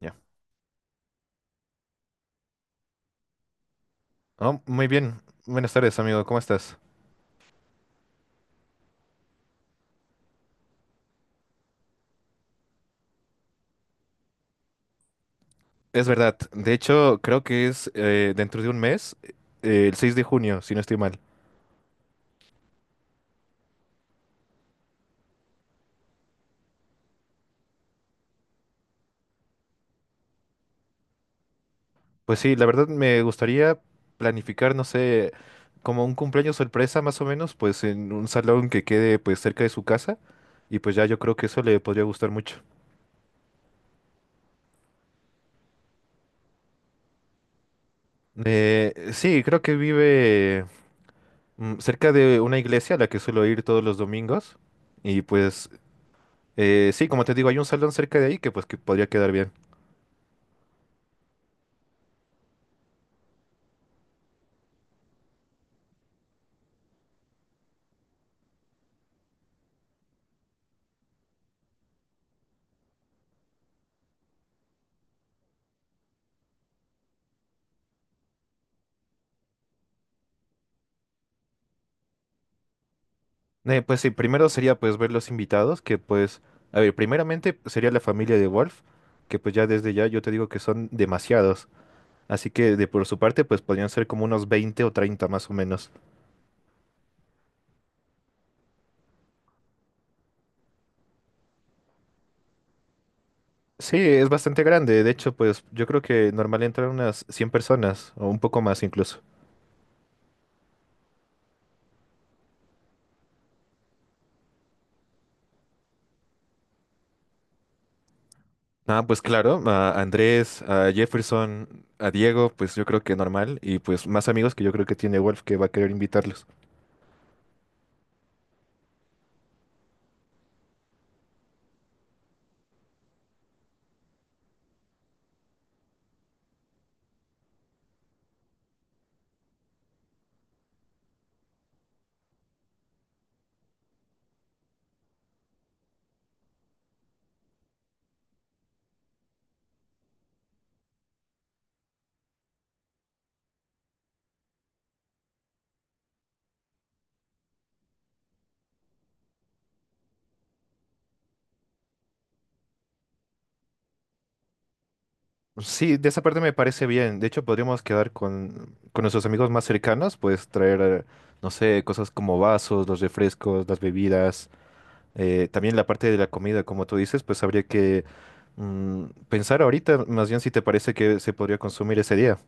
Ya. Oh, muy bien. Buenas tardes, amigo. ¿Cómo estás? Es verdad. De hecho, creo que es dentro de un mes, el 6 de junio, si no estoy mal. Pues sí, la verdad me gustaría planificar, no sé, como un cumpleaños sorpresa más o menos, pues en un salón que quede pues cerca de su casa. Y pues ya yo creo que eso le podría gustar mucho. Sí, creo que vive cerca de una iglesia a la que suelo ir todos los domingos. Y pues sí, como te digo, hay un salón cerca de ahí que pues que podría quedar bien. Pues sí, primero sería pues ver los invitados, que pues, a ver, primeramente sería la familia de Wolf, que pues ya desde ya yo te digo que son demasiados, así que de por su parte pues podrían ser como unos 20 o 30 más o menos. Sí, es bastante grande, de hecho pues yo creo que normal entran unas 100 personas o un poco más incluso. Ah, pues claro, a Andrés, a Jefferson, a Diego, pues yo creo que normal y pues más amigos que yo creo que tiene Wolf que va a querer invitarlos. Sí, de esa parte me parece bien. De hecho, podríamos quedar con nuestros amigos más cercanos, pues traer, no sé, cosas como vasos, los refrescos, las bebidas, también la parte de la comida, como tú dices, pues habría que pensar ahorita, más bien si te parece que se podría consumir ese día.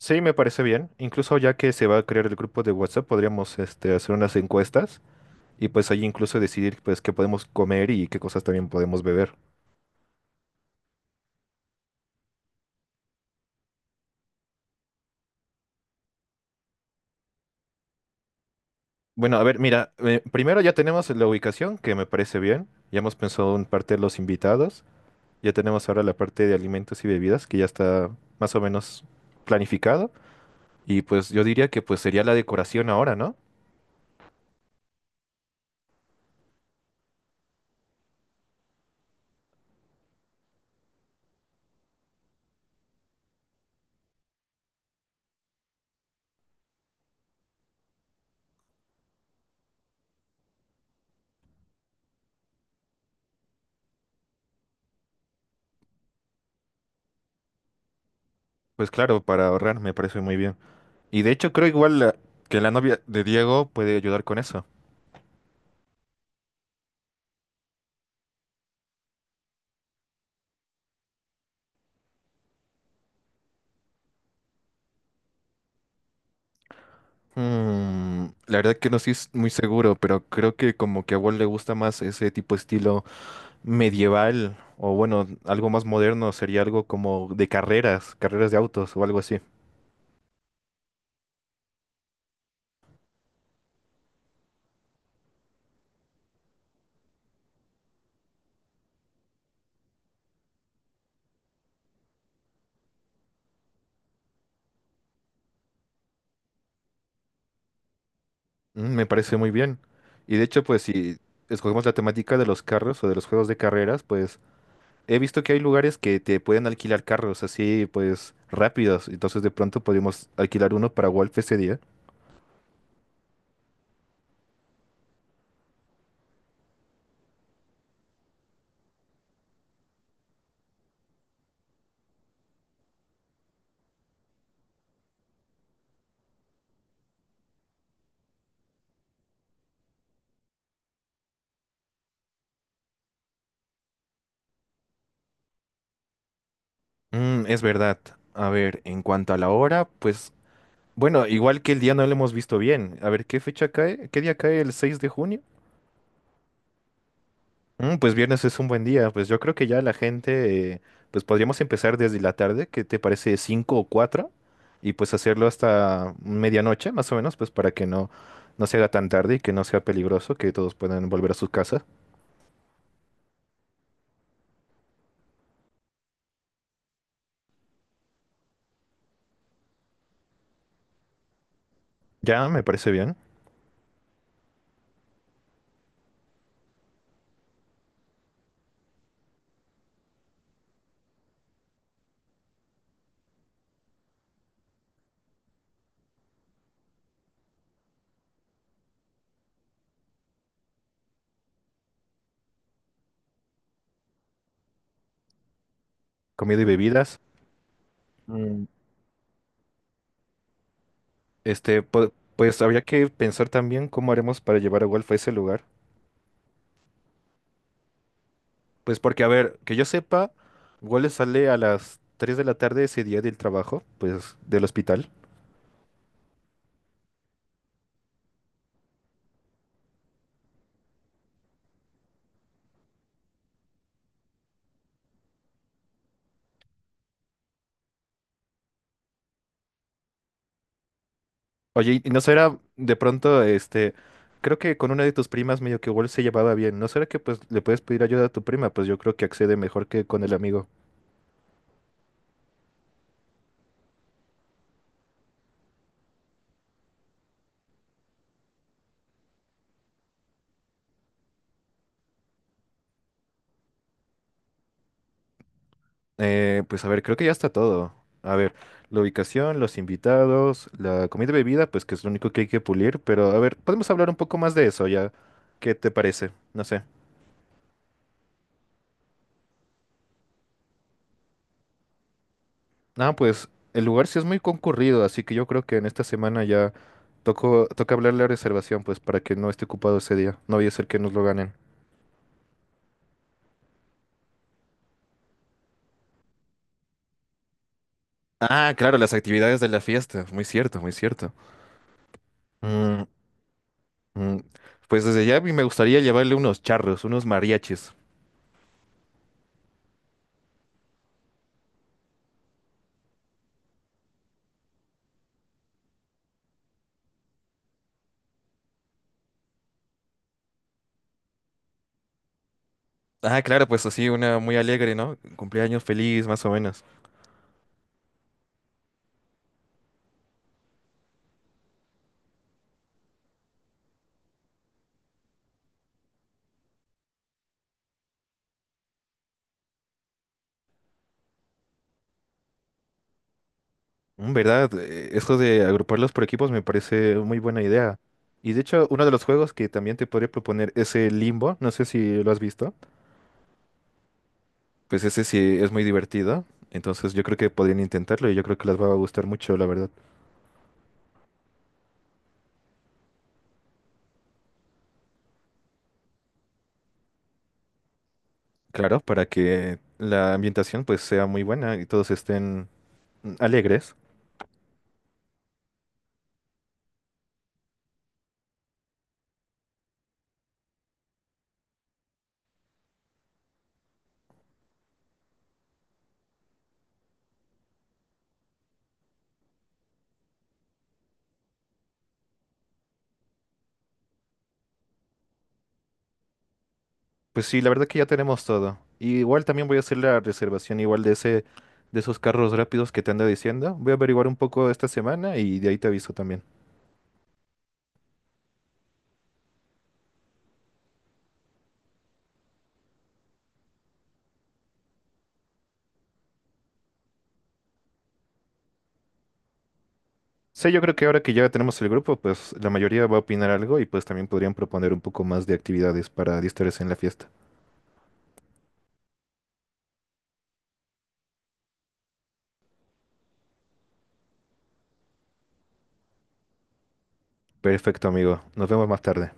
Sí, me parece bien. Incluso ya que se va a crear el grupo de WhatsApp, podríamos este, hacer unas encuestas y pues ahí incluso decidir pues qué podemos comer y qué cosas también podemos beber. Bueno, a ver, mira, primero ya tenemos la ubicación, que me parece bien. Ya hemos pensado en parte de los invitados. Ya tenemos ahora la parte de alimentos y bebidas, que ya está más o menos planificado. Y pues yo diría que pues sería la decoración ahora, ¿no? Pues claro, para ahorrar me parece muy bien. Y de hecho creo igual que la novia de Diego puede ayudar con eso. Mm, la verdad que no estoy muy seguro, pero creo que como que a Walt le gusta más ese tipo de estilo medieval o bueno, algo más moderno sería algo como de carreras, carreras de autos o algo así. Mm, me parece muy bien. Y de hecho, pues si escogemos la temática de los carros o de los juegos de carreras, pues he visto que hay lugares que te pueden alquilar carros así, pues rápidos. Entonces de pronto podemos alquilar uno para Wolf ese día. Mm, es verdad. A ver, en cuanto a la hora, pues bueno, igual que el día no lo hemos visto bien. A ver, ¿qué fecha cae? ¿Qué día cae el 6 de junio? Mm, pues viernes es un buen día. Pues yo creo que ya la gente, pues podríamos empezar desde la tarde, ¿qué te parece? Cinco o cuatro, y pues hacerlo hasta medianoche, más o menos, pues para que no, no se haga tan tarde y que no sea peligroso, que todos puedan volver a sus casas. Ya, me parece bien. Comida y bebidas. Mm, este, pues habría que pensar también cómo haremos para llevar a Wolf a ese lugar. Pues porque, a ver, que yo sepa, Wolf sale a las 3 de la tarde ese día del trabajo, pues del hospital. Oye, ¿y no será de pronto, este, creo que con una de tus primas medio que igual se llevaba bien, ¿no será que pues le puedes pedir ayuda a tu prima? Pues yo creo que accede mejor que con el amigo. Pues a ver, creo que ya está todo. A ver, la ubicación, los invitados, la comida y bebida, pues que es lo único que hay que pulir, pero a ver, podemos hablar un poco más de eso ya. ¿Qué te parece? No sé. Ah, pues el lugar sí es muy concurrido, así que yo creo que en esta semana ya toca hablar la reservación, pues para que no esté ocupado ese día. No vaya a ser que nos lo ganen. Ah, claro, las actividades de la fiesta. Muy cierto, muy cierto. Mm, mm. Pues desde ya a mí me gustaría llevarle unos charros, unos mariachis. Ah, claro, pues así, una muy alegre, ¿no? Cumpleaños feliz, más o menos. Mm, ¿verdad? Esto de agruparlos por equipos me parece muy buena idea. Y de hecho, uno de los juegos que también te podría proponer es el Limbo. No sé si lo has visto. Pues ese sí es muy divertido. Entonces yo creo que podrían intentarlo y yo creo que les va a gustar mucho, la verdad. Claro, para que la ambientación pues sea muy buena y todos estén alegres. Pues sí, la verdad que ya tenemos todo. Y igual también voy a hacer la reservación igual de ese, de esos carros rápidos que te ando diciendo. Voy a averiguar un poco esta semana y de ahí te aviso también. Sí, yo creo que ahora que ya tenemos el grupo, pues la mayoría va a opinar algo y pues también podrían proponer un poco más de actividades para distraerse en la fiesta. Perfecto, amigo. Nos vemos más tarde.